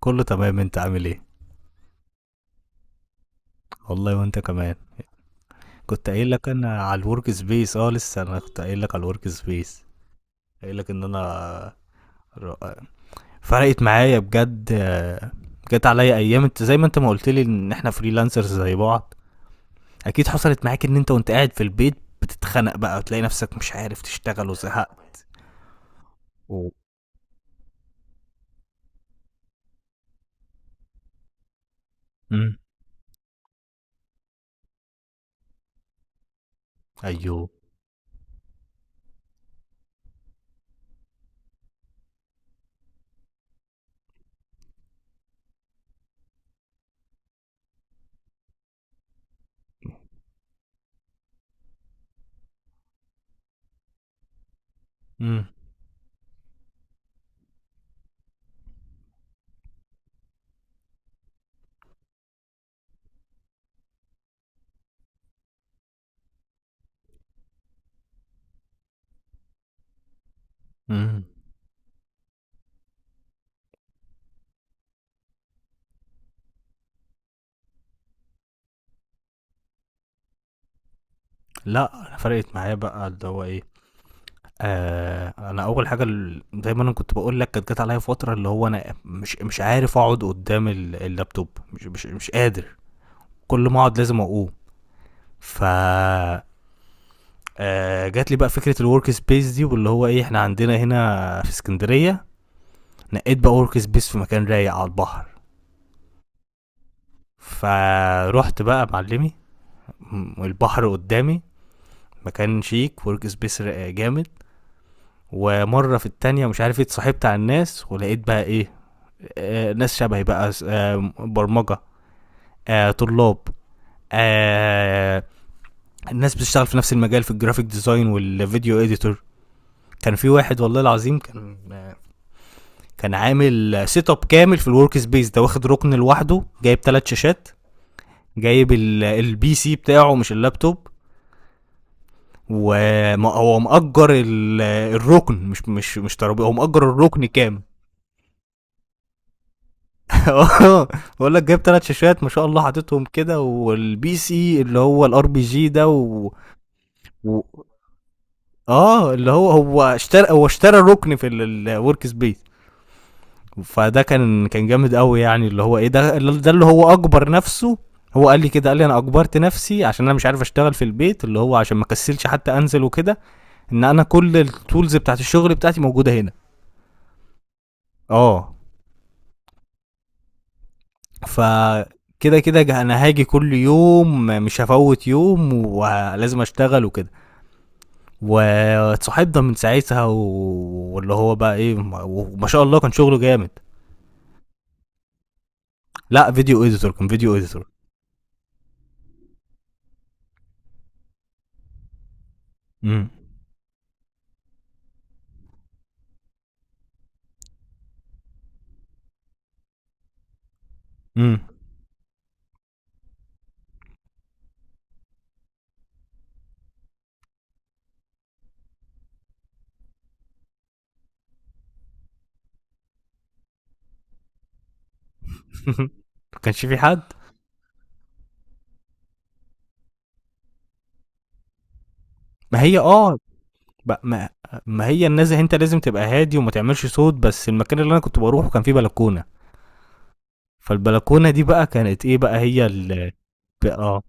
كله تمام. انت عامل ايه؟ والله وانت كمان. كنت قايل لك انا على الورك سبيس، لسه انا كنت قايل لك على الورك سبيس. قايل لك ان انا ر- فرقت معايا بجد. جت عليا ايام، انت زي ما انت ما قلت لي ان احنا فريلانسرز زي بعض. اكيد حصلت معاك ان انت وانت قاعد في البيت بتتخنق بقى وتلاقي نفسك مش عارف تشتغل وزهقت. و... امم ايوه. امم امم لا، انا فرقت معايا بقى اللي هو ايه. انا اول حاجه، زي ما انا كنت بقول لك، كانت جت عليا فتره اللي هو انا مش عارف اقعد قدام اللابتوب، مش قادر. كل ما اقعد لازم اقوم. ف آه جات لي بقى فكره الورك سبيس دي، واللي هو ايه، احنا عندنا هنا في اسكندريه. نقيت بقى ورك سبيس في مكان رايق على البحر. فروحت بقى معلمي، البحر قدامي، مكان شيك، ورك سبيس جامد. ومره في التانية، مش عارف ايه، اتصاحبت على الناس ولقيت بقى ايه، ناس شبهي بقى، برمجه، طلاب، آه، الناس بتشتغل في نفس المجال، في الجرافيك ديزاين والفيديو اديتور. كان في واحد والله العظيم، كان عامل سيت اب كامل في الورك سبيس ده، واخد ركن لوحده، جايب ثلاث شاشات، جايب البي سي بتاعه مش اللابتوب، وهو مأجر الركن، مش ترابيزه، هو مأجر الركن كامل. اه بقول لك جايب ثلاث شاشات ما شاء الله، حاططهم كده، والبي سي اللي هو الار بي جي ده و... اه اللي هو هو اشترى ركن في الورك سبيس. فده كان جامد قوي، يعني اللي هو ايه، ده اللي هو اكبر نفسه. هو قال لي كده، قال لي انا اجبرت نفسي عشان انا مش عارف اشتغل في البيت، اللي هو عشان ما كسلش حتى انزل وكده، ان انا كل التولز بتاعت الشغل بتاعتي موجوده هنا. اه. فكده كده انا هاجي كل يوم، مش هفوت يوم، ولازم اشتغل وكده. واتصاحبنا من ساعتها واللي هو بقى ايه، وما شاء الله كان شغله جامد. لا، فيديو اديتور، كان فيديو اديتور. امم امم ما كانش في حد. ما هي اه ب- ما ما هي الناس، انت لازم تبقى هادي وما تعملش صوت، بس المكان اللي انا كنت بروحه كان فيه بلكونه. فالبلكونه دي بقى كانت ايه بقى هي اه،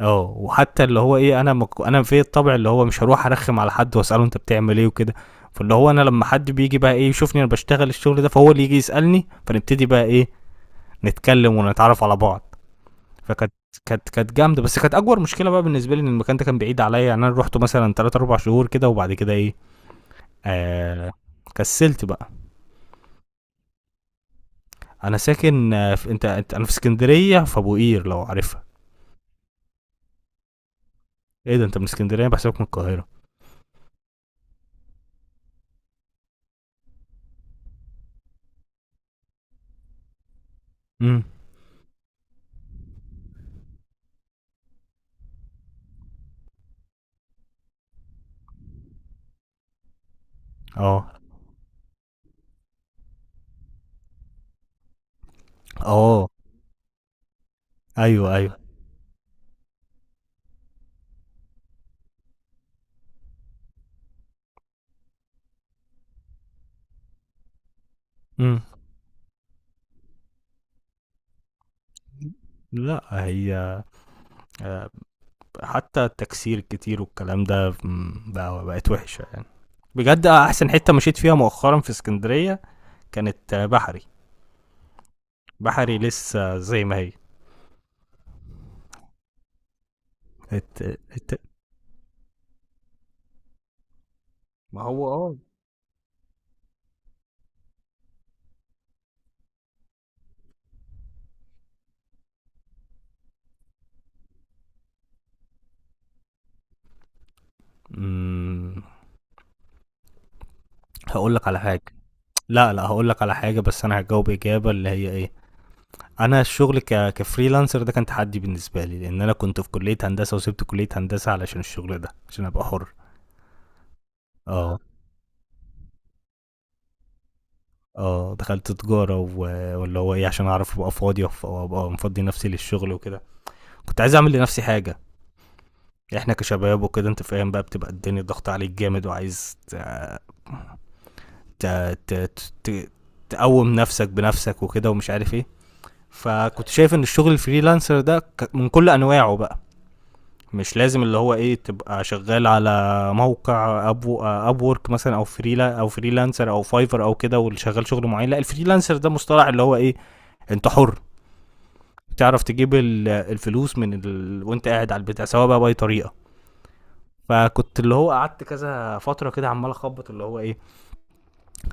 اه، وحتى اللي هو ايه، انا في الطبع اللي هو مش هروح ارخم على حد واساله انت بتعمل ايه وكده. فاللي هو انا لما حد بيجي بقى ايه يشوفني انا بشتغل الشغل ده، فهو اللي يجي يسالني، فنبتدي بقى ايه، نتكلم ونتعرف على بعض. فكانت كانت كانت جامده، بس كانت اكبر مشكله بقى بالنسبه لي ان المكان ده كان بعيد عليا، يعني انا روحته مثلا 3 4 شهور كده وبعد كده ايه، آه... كسلت بقى. انا ساكن انا في اسكندريه، في ابو قير لو عارفها. ايه ده! انت من اسكندريه؟ بحسابك من القاهره. امم. اه، اه. ايوه، ايوه. امم. لأ، هي، آآ حتى التكسير الكتير والكلام ده بقى بقت وحشة يعني. بجد، أحسن حتة مشيت فيها مؤخرًا في إسكندرية كانت، بحري. بحري لسه زي ما هي. الت الت ما هو آه. إمم، هاقول لك على حاجة. لأ، لأ، هاقول لك على حاجة، بس أنا هاجاوب إجابة اللي هي إيه، أنا الشغل كfreelancer ده كان تحدي بالنسبة لي، لإن أنا كنت في كلية هندسة وسِبت كلية هندسة علشان الشغل ده، عشان أبقى حُر. آه، دخلت تجارة واللي هو إيه، عشان أعرف أبقى فاضي وأبقى مفضي نفسي للشغل وكده. كنت عايز أعمل لنفسي حاجة. إحنا كشباب وكده أنت فاهم بقى، بتبقى الدنيا ضغط عليك جامد وعايز ت... ت... ت... تقوم نفسك بنفسك وكده ومش عارف إيه. فكنت شايف إن الشغل الفريلانسر ده من كل أنواعه بقى، مش لازم اللي هو ايه تبقى شغال على موقع ابو اب وورك مثلا او فريلانسر او فايفر او كده واللي شغال شغل معين. لا، الفريلانسر ده مصطلح اللي هو ايه، انت حر، بتعرف تجيب الفلوس وانت قاعد على البتاع، سواء بقى باي طريقه. فكنت اللي هو قعدت كذا فتره كده عمال اخبط اللي هو ايه،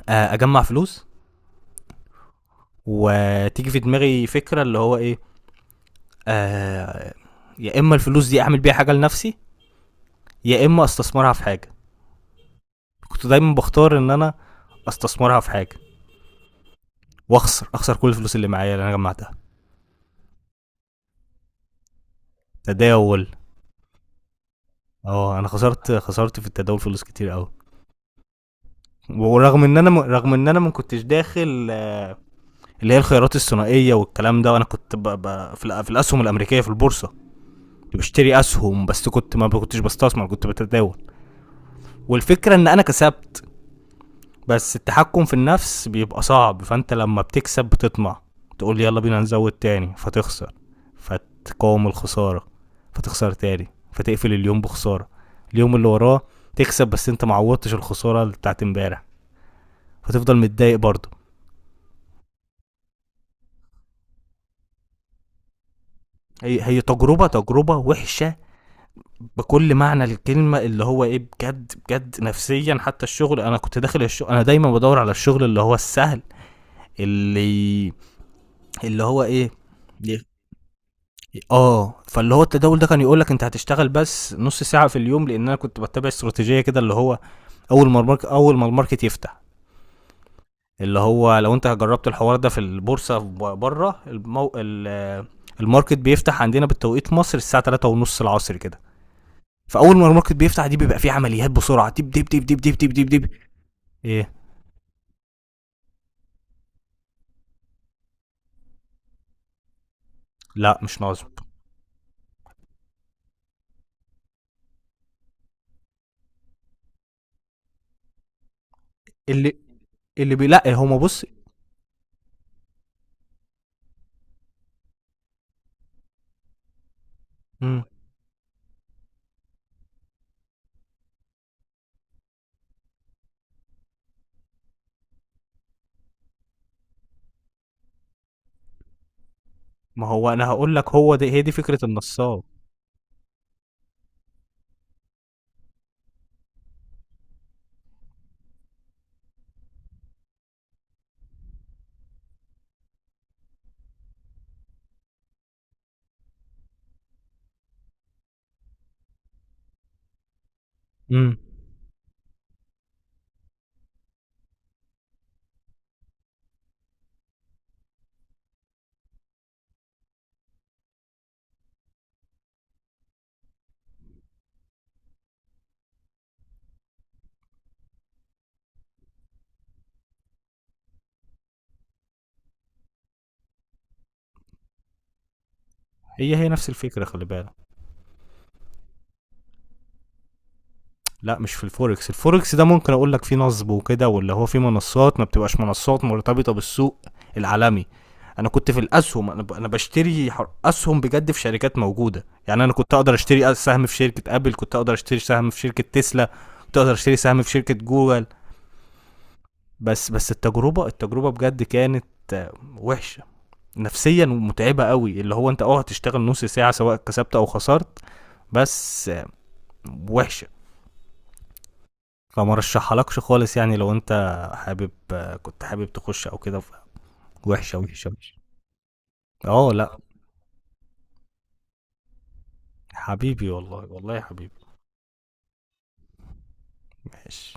اجمع فلوس، وتيجي في دماغي فكره اللي هو ايه، آه، يا اما الفلوس دي اعمل بيها حاجه لنفسي، يا اما استثمرها في حاجه. كنت دايما بختار ان انا استثمرها في حاجه، واخسر اخسر كل الفلوس اللي معايا اللي انا جمعتها. تداول. اه، انا خسرت خسرت في التداول فلوس كتير قوي. ورغم ان انا ما كنتش داخل، اللي هي الخيارات الثنائيه والكلام ده، وانا كنت في الاسهم الامريكيه في البورصه. كنت بشتري اسهم، بس كنت ما كنتش بستثمر، كنت بتداول. والفكره ان انا كسبت، بس التحكم في النفس بيبقى صعب، فانت لما بتكسب بتطمع، تقول يلا بينا نزود تاني فتخسر، فتقاوم الخساره، فتخسر تاني، فتقفل اليوم بخساره. اليوم اللي وراه تكسب، بس انت معوضتش الخساره بتاعت امبارح، فتفضل متضايق برضه. هي تجربه تجربه وحشه، بكل معنى الكلمه اللي هو ايه، بجد بجد، نفسيا حتى. الشغل انا كنت داخل الشغل انا دايما بدور على الشغل اللي هو السهل، اللي اللي هو ايه. اه، فاللي هو التداول ده كان يقول لك انت هتشتغل بس نص ساعه في اليوم، لان انا كنت بتبع استراتيجيه كده، اللي هو اول ما الماركت يفتح، اللي هو لو انت جربت الحوار ده في البورصه، بره المو... ال- الماركت بيفتح عندنا بالتوقيت مصر الساعه 3 ونص العصر كده. فاول ما الماركت بيفتح دي بيبقى فيه عمليات بسرعه، دب دب دب دب دب دب دب دب. ايه. لا، مش نصب. اللي لا، هما بص. مم. ما هو انا هقول لك، هو ده، هي دي فكره النصاب. امم. هي نفس الفكره، خلي بالك. لا، مش في الفوركس. الفوركس ده ممكن اقول لك فيه نصب وكده، واللي هو فيه منصات ما بتبقاش منصات مرتبطة بالسوق العالمي. انا كنت في الاسهم، انا انا بشتري اسهم بجد في شركات موجودة يعني. انا كنت اقدر اشتري سهم في شركة ابل، كنت اقدر اشتري سهم في شركة تسلا، كنت اقدر اشتري سهم في شركة جوجل. بس التجربة بجد كانت، آه، وحشة، نفسيا ومتعبة قوي، اللي هو انت هتشتغل نص ساعة سواء كسبت او خسرت، بس وحشة. فما رشحلكش خالص. يعني لو انت حابب كنت حابب تخش او كده، وحشه وحشه وحشه. اه، لا، حبيبي والله، والله يا حبيبي. ماشي.